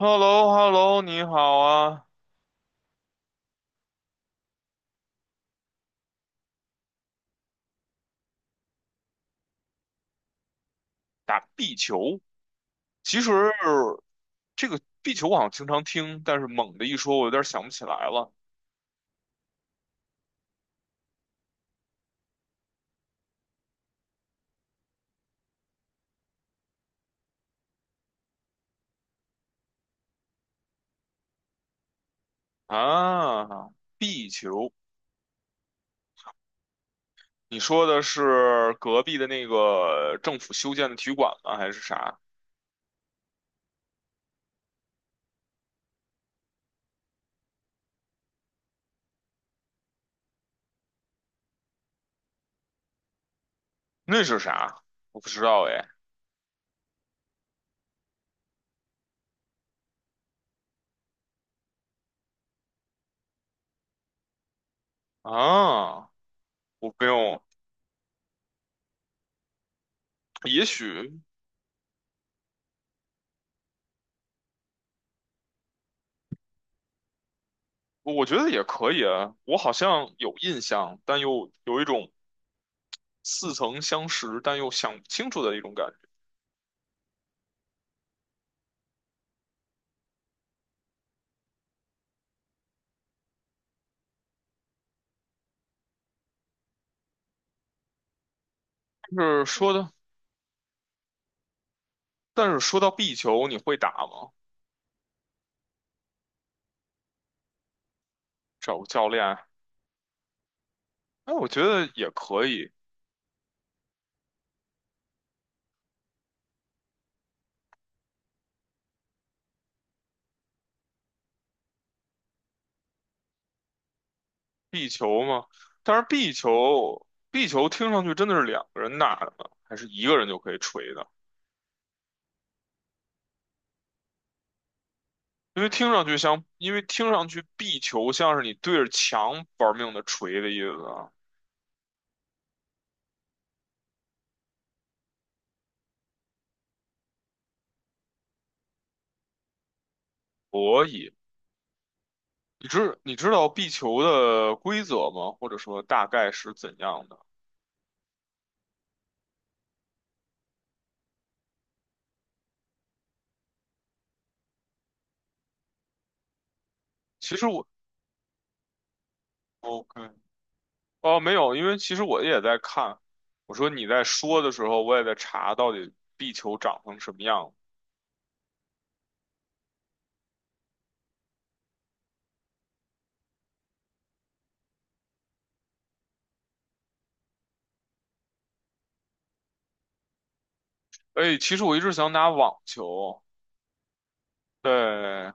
hello hello 你好啊！打壁球，其实这个壁球我好像经常听，但是猛的一说，我有点想不起来了。啊。壁球，你说的是隔壁的那个政府修建的体育馆吗？还是啥？那是啥？我不知道哎。啊，我不用，也许我觉得也可以啊。我好像有印象，但又有一种似曾相识，但又想不清楚的一种感觉。就是说的，但是说到壁球，你会打吗？找个教练？哎，我觉得也可以，壁球嘛。但是壁球，壁球听上去真的是两个人打的吗？还是一个人就可以锤的？因为听上去像，因为听上去壁球像是你对着墙玩命的锤的意思啊。所以，你知道壁球的规则吗？或者说大概是怎样的？其实我 OK，哦，没有，因为其实我也在看。我说你在说的时候，我也在查到底壁球长成什么样。哎，其实我一直想打网球。对，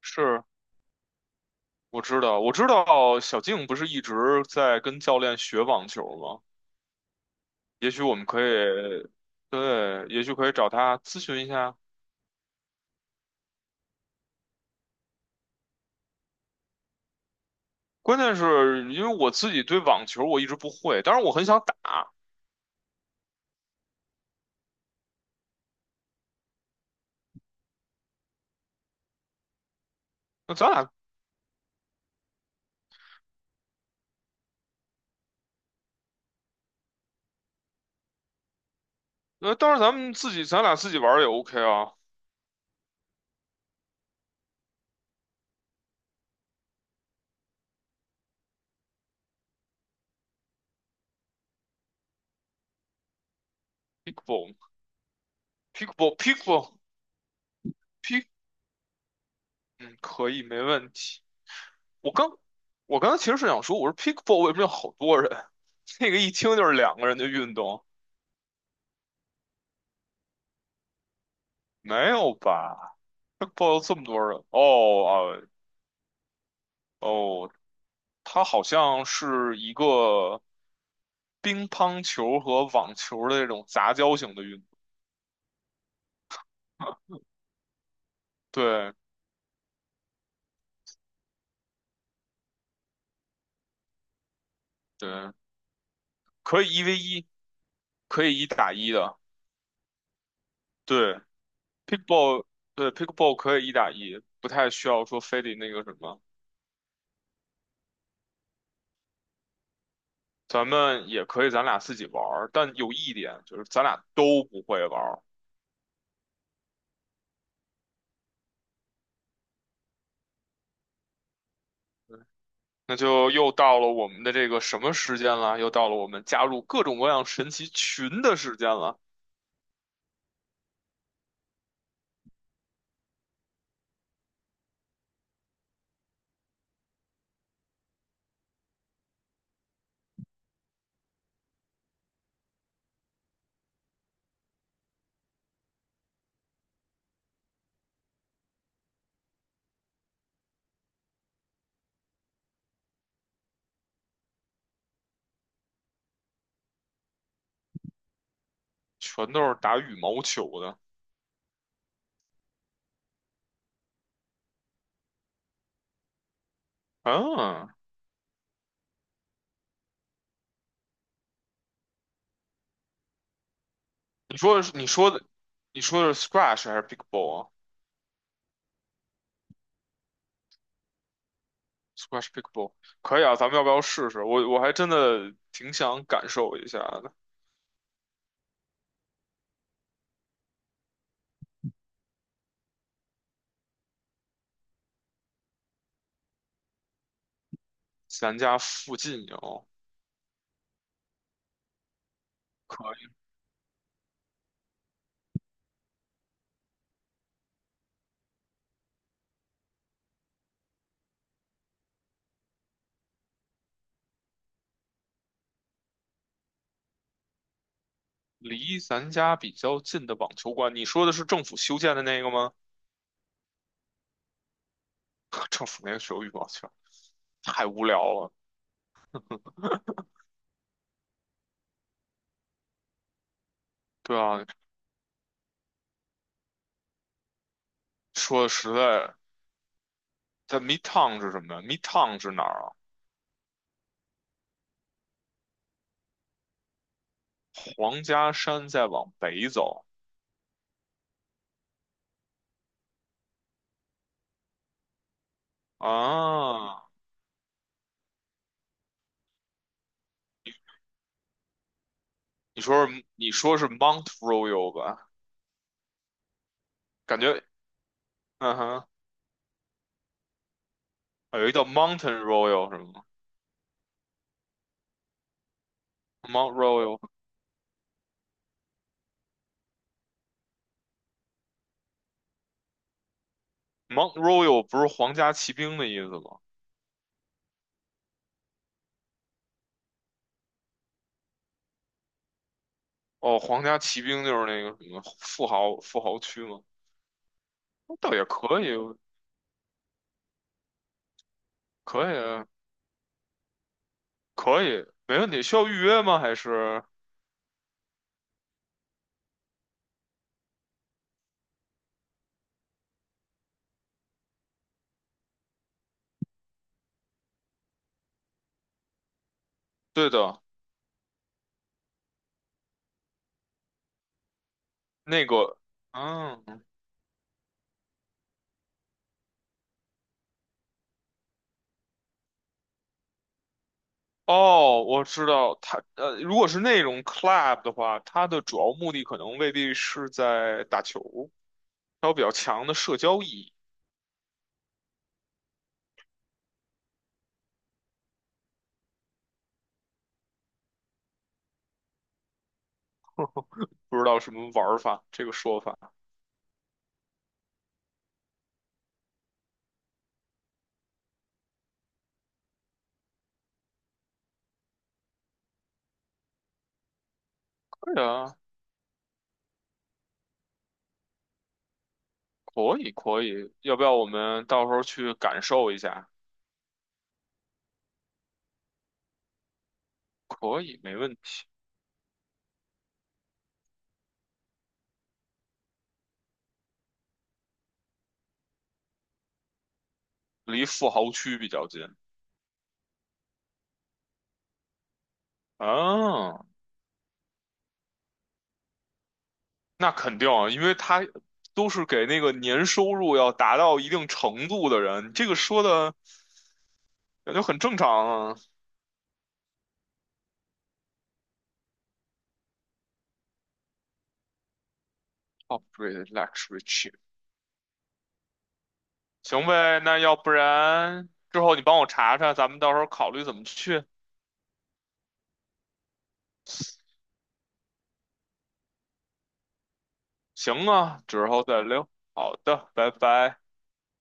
是，我知道小静不是一直在跟教练学网球吗？也许我们可以，对，也许可以找他咨询一下。关键是因为我自己对网球我一直不会，当然我很想打。那咱俩，那当然咱们自己，咱俩自己玩儿也 OK 啊。Pickleball，pickleball，pickleball。p i c k 嗯，可以，没问题。我刚，我刚才其实是想说，我说 pickleball 为什么有好多人？这个一听就是两个人的运动，没有吧？pickleball 有这么多人？哦啊，哦，它好像是一个乒乓球和网球的那种杂交型的运动。对对，可以1v1，可以一打一的。对 p i c k b a l l 对 pickball 可以一打一，不太需要说非得那个什么。咱们也可以咱俩自己玩儿，但有一点就是咱俩都不会玩儿，那就又到了我们的这个什么时间了？又到了我们加入各种各样神奇群的时间了，全都是打羽毛球的。嗯，你说的是你说的你说的是 squash 还是 pickleball 啊？squash pickleball 可以啊，咱们要不要试试？我还真的挺想感受一下的。咱家附近有可以离咱家比较近的网球馆，你说的是政府修建的那个吗？政府那个手羽毛球太无聊了。对啊，说的实在，在 Midtown 是什么呀？Midtown 是哪儿啊？皇家山再往北走啊？你说是 Mount Royal 吧？感觉嗯哼，啊有一叫 Mountain Royal 是吗？Mount Royal，Mount Royal 不是皇家骑兵的意思吗？哦，皇家骑兵就是那个什么富豪区吗？倒也可以，可以啊，可以，没问题。需要预约吗？还是对的。那个，嗯，哦，我知道，它如果是那种 club 的话，它的主要目的可能未必是在打球，它有比较强的社交意义。不知道什么玩法，这个说法。对啊，可以可以，要不要我们到时候去感受一下？可以，没问题。离富豪区比较近。啊，那肯定啊，因为他都是给那个年收入要达到一定程度的人，这个说的感觉很正常啊。 Operate luxury chip 行呗，那要不然之后你帮我查查，咱们到时候考虑怎么去。行啊，之后再聊。好的，拜拜。